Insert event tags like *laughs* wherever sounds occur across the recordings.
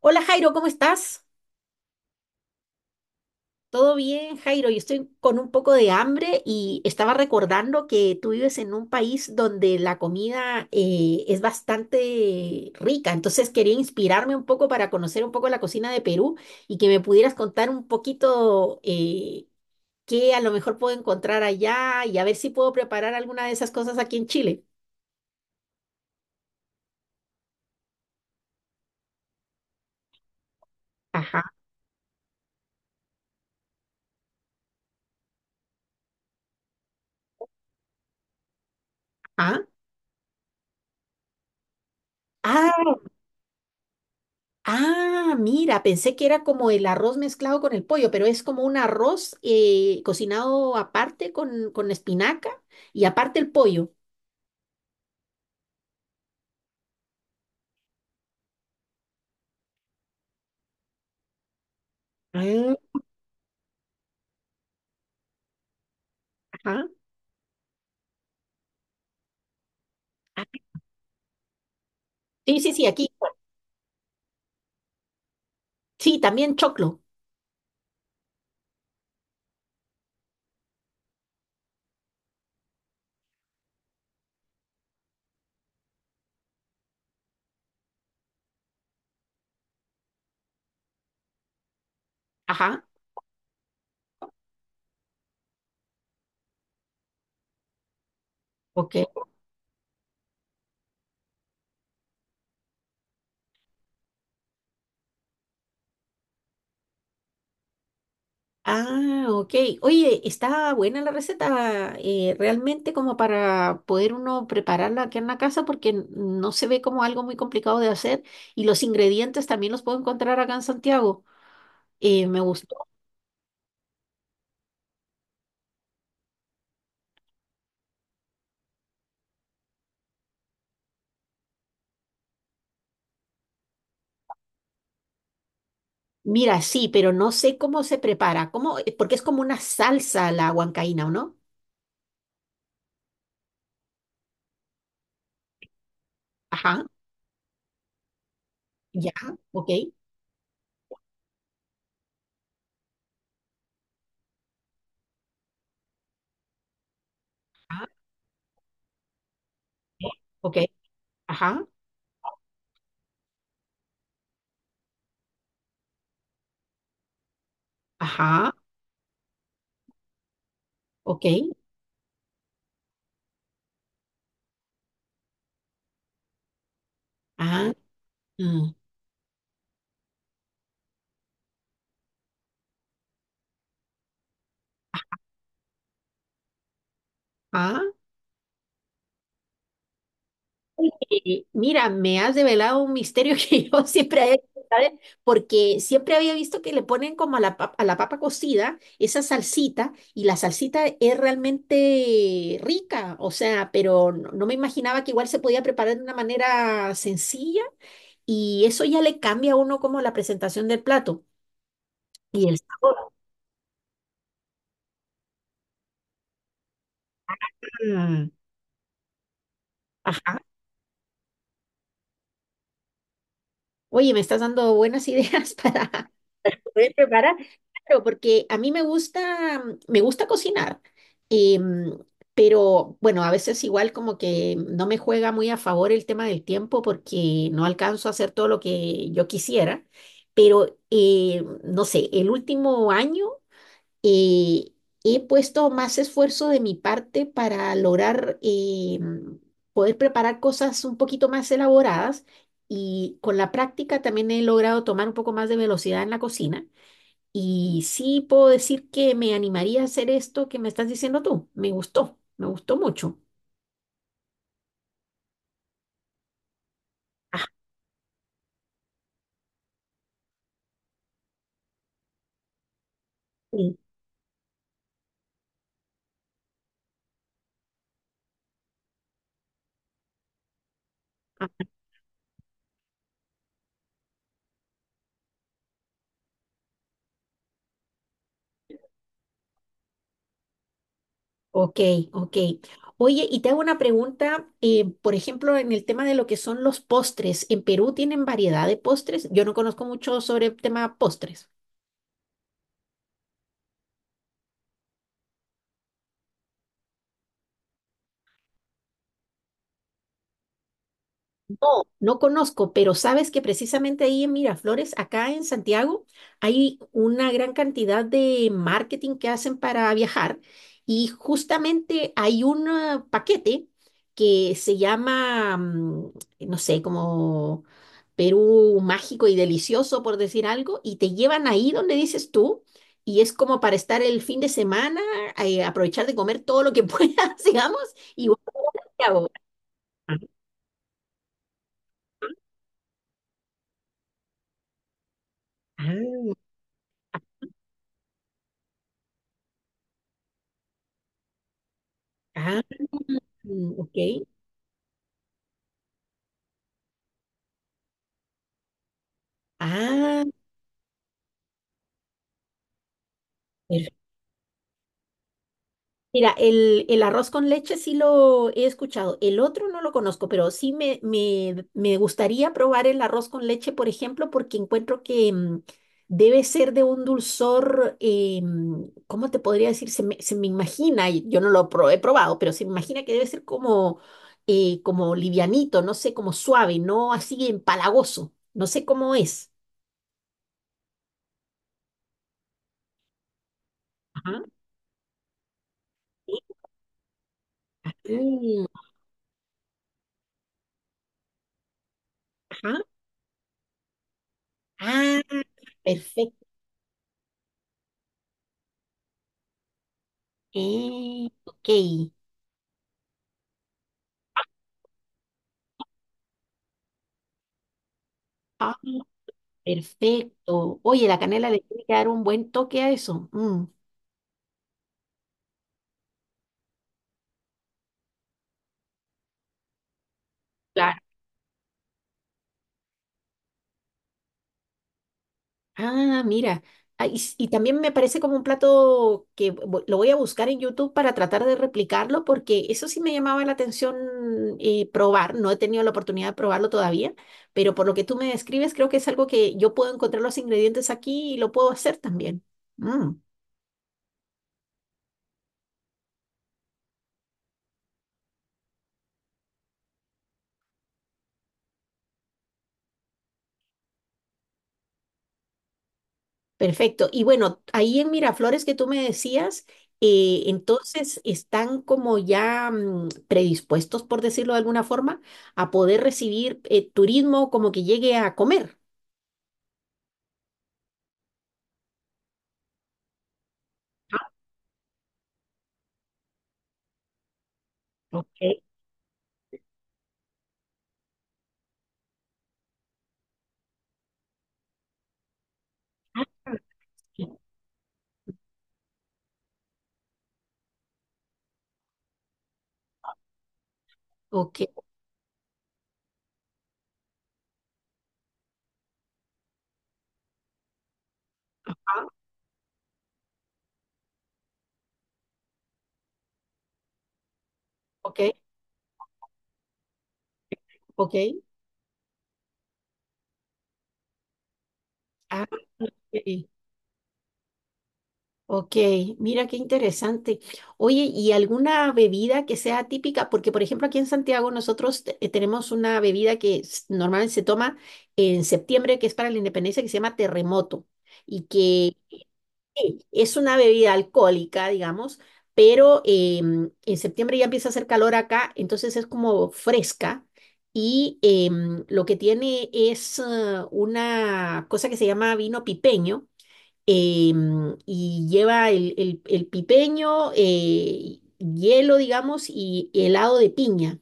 Hola Jairo, ¿cómo estás? ¿Todo bien, Jairo? Yo estoy con un poco de hambre y estaba recordando que tú vives en un país donde la comida es bastante rica, entonces quería inspirarme un poco para conocer un poco la cocina de Perú y que me pudieras contar un poquito qué a lo mejor puedo encontrar allá y a ver si puedo preparar alguna de esas cosas aquí en Chile. Ajá, ajá. Ah, ah, mira, pensé que era como el arroz mezclado con el pollo, pero es como un arroz cocinado aparte con, espinaca y aparte el pollo. Ah, ajá. Ah, sí, sí, sí, aquí. Sí, también choclo. Ajá, ok. Ah, ok. Oye, está buena la receta, realmente como para poder uno prepararla aquí en la casa porque no se ve como algo muy complicado de hacer y los ingredientes también los puedo encontrar acá en Santiago. Me gustó. Mira, sí, pero no sé cómo se prepara, porque es como una salsa la huancaína, ¿o no? Ajá, ya, ok, ah, eh, ok, ajá, ajá, ok, ah, mm, ah. Oye, mira, me has develado un misterio *laughs* que yo siempre había, ¿sabes? Porque siempre había visto que le ponen como a a la papa cocida esa salsita y la salsita es realmente rica, o sea, pero no me imaginaba que igual se podía preparar de una manera sencilla. Y eso ya le cambia a uno como la presentación del plato y el sabor. Mm, ajá. Oye, me estás dando buenas ideas *laughs* para poder preparar. Claro, porque a mí me gusta cocinar, em, pero bueno, a veces igual como que no me juega muy a favor el tema del tiempo porque no alcanzo a hacer todo lo que yo quisiera. Pero no sé, el último año eh, he puesto más esfuerzo de mi parte para lograr poder preparar cosas un poquito más elaboradas y con la práctica también he logrado tomar un poco más de velocidad en la cocina. Y sí puedo decir que me animaría a hacer esto que me estás diciendo tú. Me gustó mucho. Ah, sí. Ok, ok. Oye, y te hago una pregunta, por ejemplo, en el tema de lo que son los postres, ¿en Perú tienen variedad de postres? Yo no conozco mucho sobre el tema postres. No, no conozco, pero sabes que precisamente ahí en Miraflores, acá en Santiago, hay una gran cantidad de marketing que hacen para viajar y justamente hay un paquete que se llama, no sé, como Perú mágico y delicioso, por decir algo, y te llevan ahí donde dices tú. Y es como para estar el fin de semana, aprovechar de comer todo lo que *laughs* puedas, digamos, y volver a Santiago. Ah, ah, mm, ok. Ah, perfecto. Mira, el arroz con leche sí lo he escuchado. El otro no lo conozco, pero sí me gustaría probar el arroz con leche, por ejemplo, porque encuentro que debe ser de un dulzor, ¿cómo te podría decir? Se me imagina, y yo no lo he probado, pero se me imagina que debe ser como, como livianito, no sé, como suave, no así empalagoso. No sé cómo es. Ajá. Mm, ajá. Ah, perfecto. Ok. Ah, perfecto. Oye, la canela le tiene que dar un buen toque a eso. Mm. Claro. Ah, mira. Ah, y también me parece como un plato que lo voy a buscar en YouTube para tratar de replicarlo, porque eso sí me llamaba la atención probar. No he tenido la oportunidad de probarlo todavía, pero por lo que tú me describes, creo que es algo que yo puedo encontrar los ingredientes aquí y lo puedo hacer también. Mm. Perfecto. Y bueno, ahí en Miraflores que tú me decías, entonces están como ya predispuestos, por decirlo de alguna forma, a poder recibir turismo como que llegue a comer. Ah, ok. Ah, ok. Ok. Ah, ok. Ok. Ah, ok. Ok, mira qué interesante. Oye, ¿y alguna bebida que sea típica? Porque, por ejemplo, aquí en Santiago nosotros tenemos una bebida que normalmente se toma en septiembre, que es para la independencia, que se llama terremoto, y que es una bebida alcohólica, digamos, pero en septiembre ya empieza a hacer calor acá, entonces es como fresca. Y lo que tiene es una cosa que se llama vino pipeño y lleva el pipeño, hielo, digamos, y helado de piña.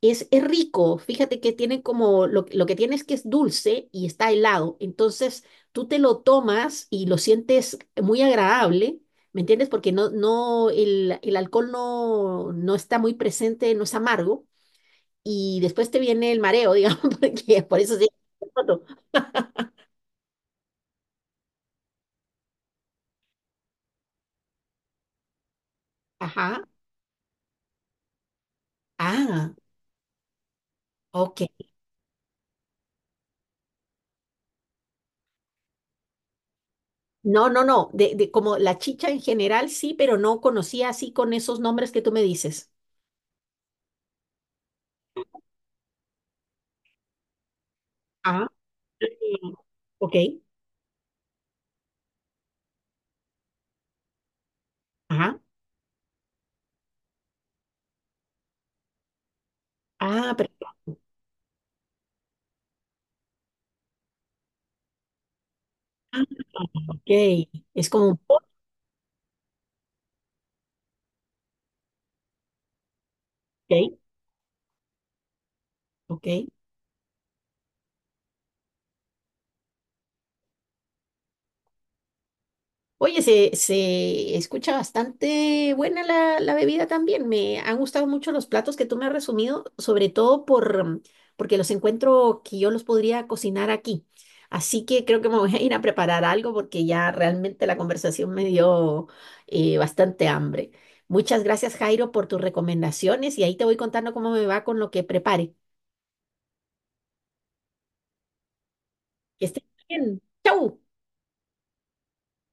Es rico, fíjate que tiene como lo que tiene es que es dulce y está helado. Entonces tú te lo tomas y lo sientes muy agradable, ¿me entiendes? Porque no, no, el alcohol no, no está muy presente, no es amargo. Y después te viene el mareo, *laughs* digamos, porque por eso sí. Ajá. Ah, ok. No, no, no, de como la chicha en general sí, pero no conocía así con esos nombres que tú me dices. Ah, mm. Ok, ajá. Ah, pero, ah, ok, es como un ok, ok. Oye, se escucha bastante buena la bebida también. Me han gustado mucho los platos que tú me has resumido, sobre todo porque los encuentro que yo los podría cocinar aquí. Así que creo que me voy a ir a preparar algo porque ya realmente la conversación me dio bastante hambre. Muchas gracias, Jairo, por tus recomendaciones y ahí te voy contando cómo me va con lo que prepare. Que estés bien. ¡Chau!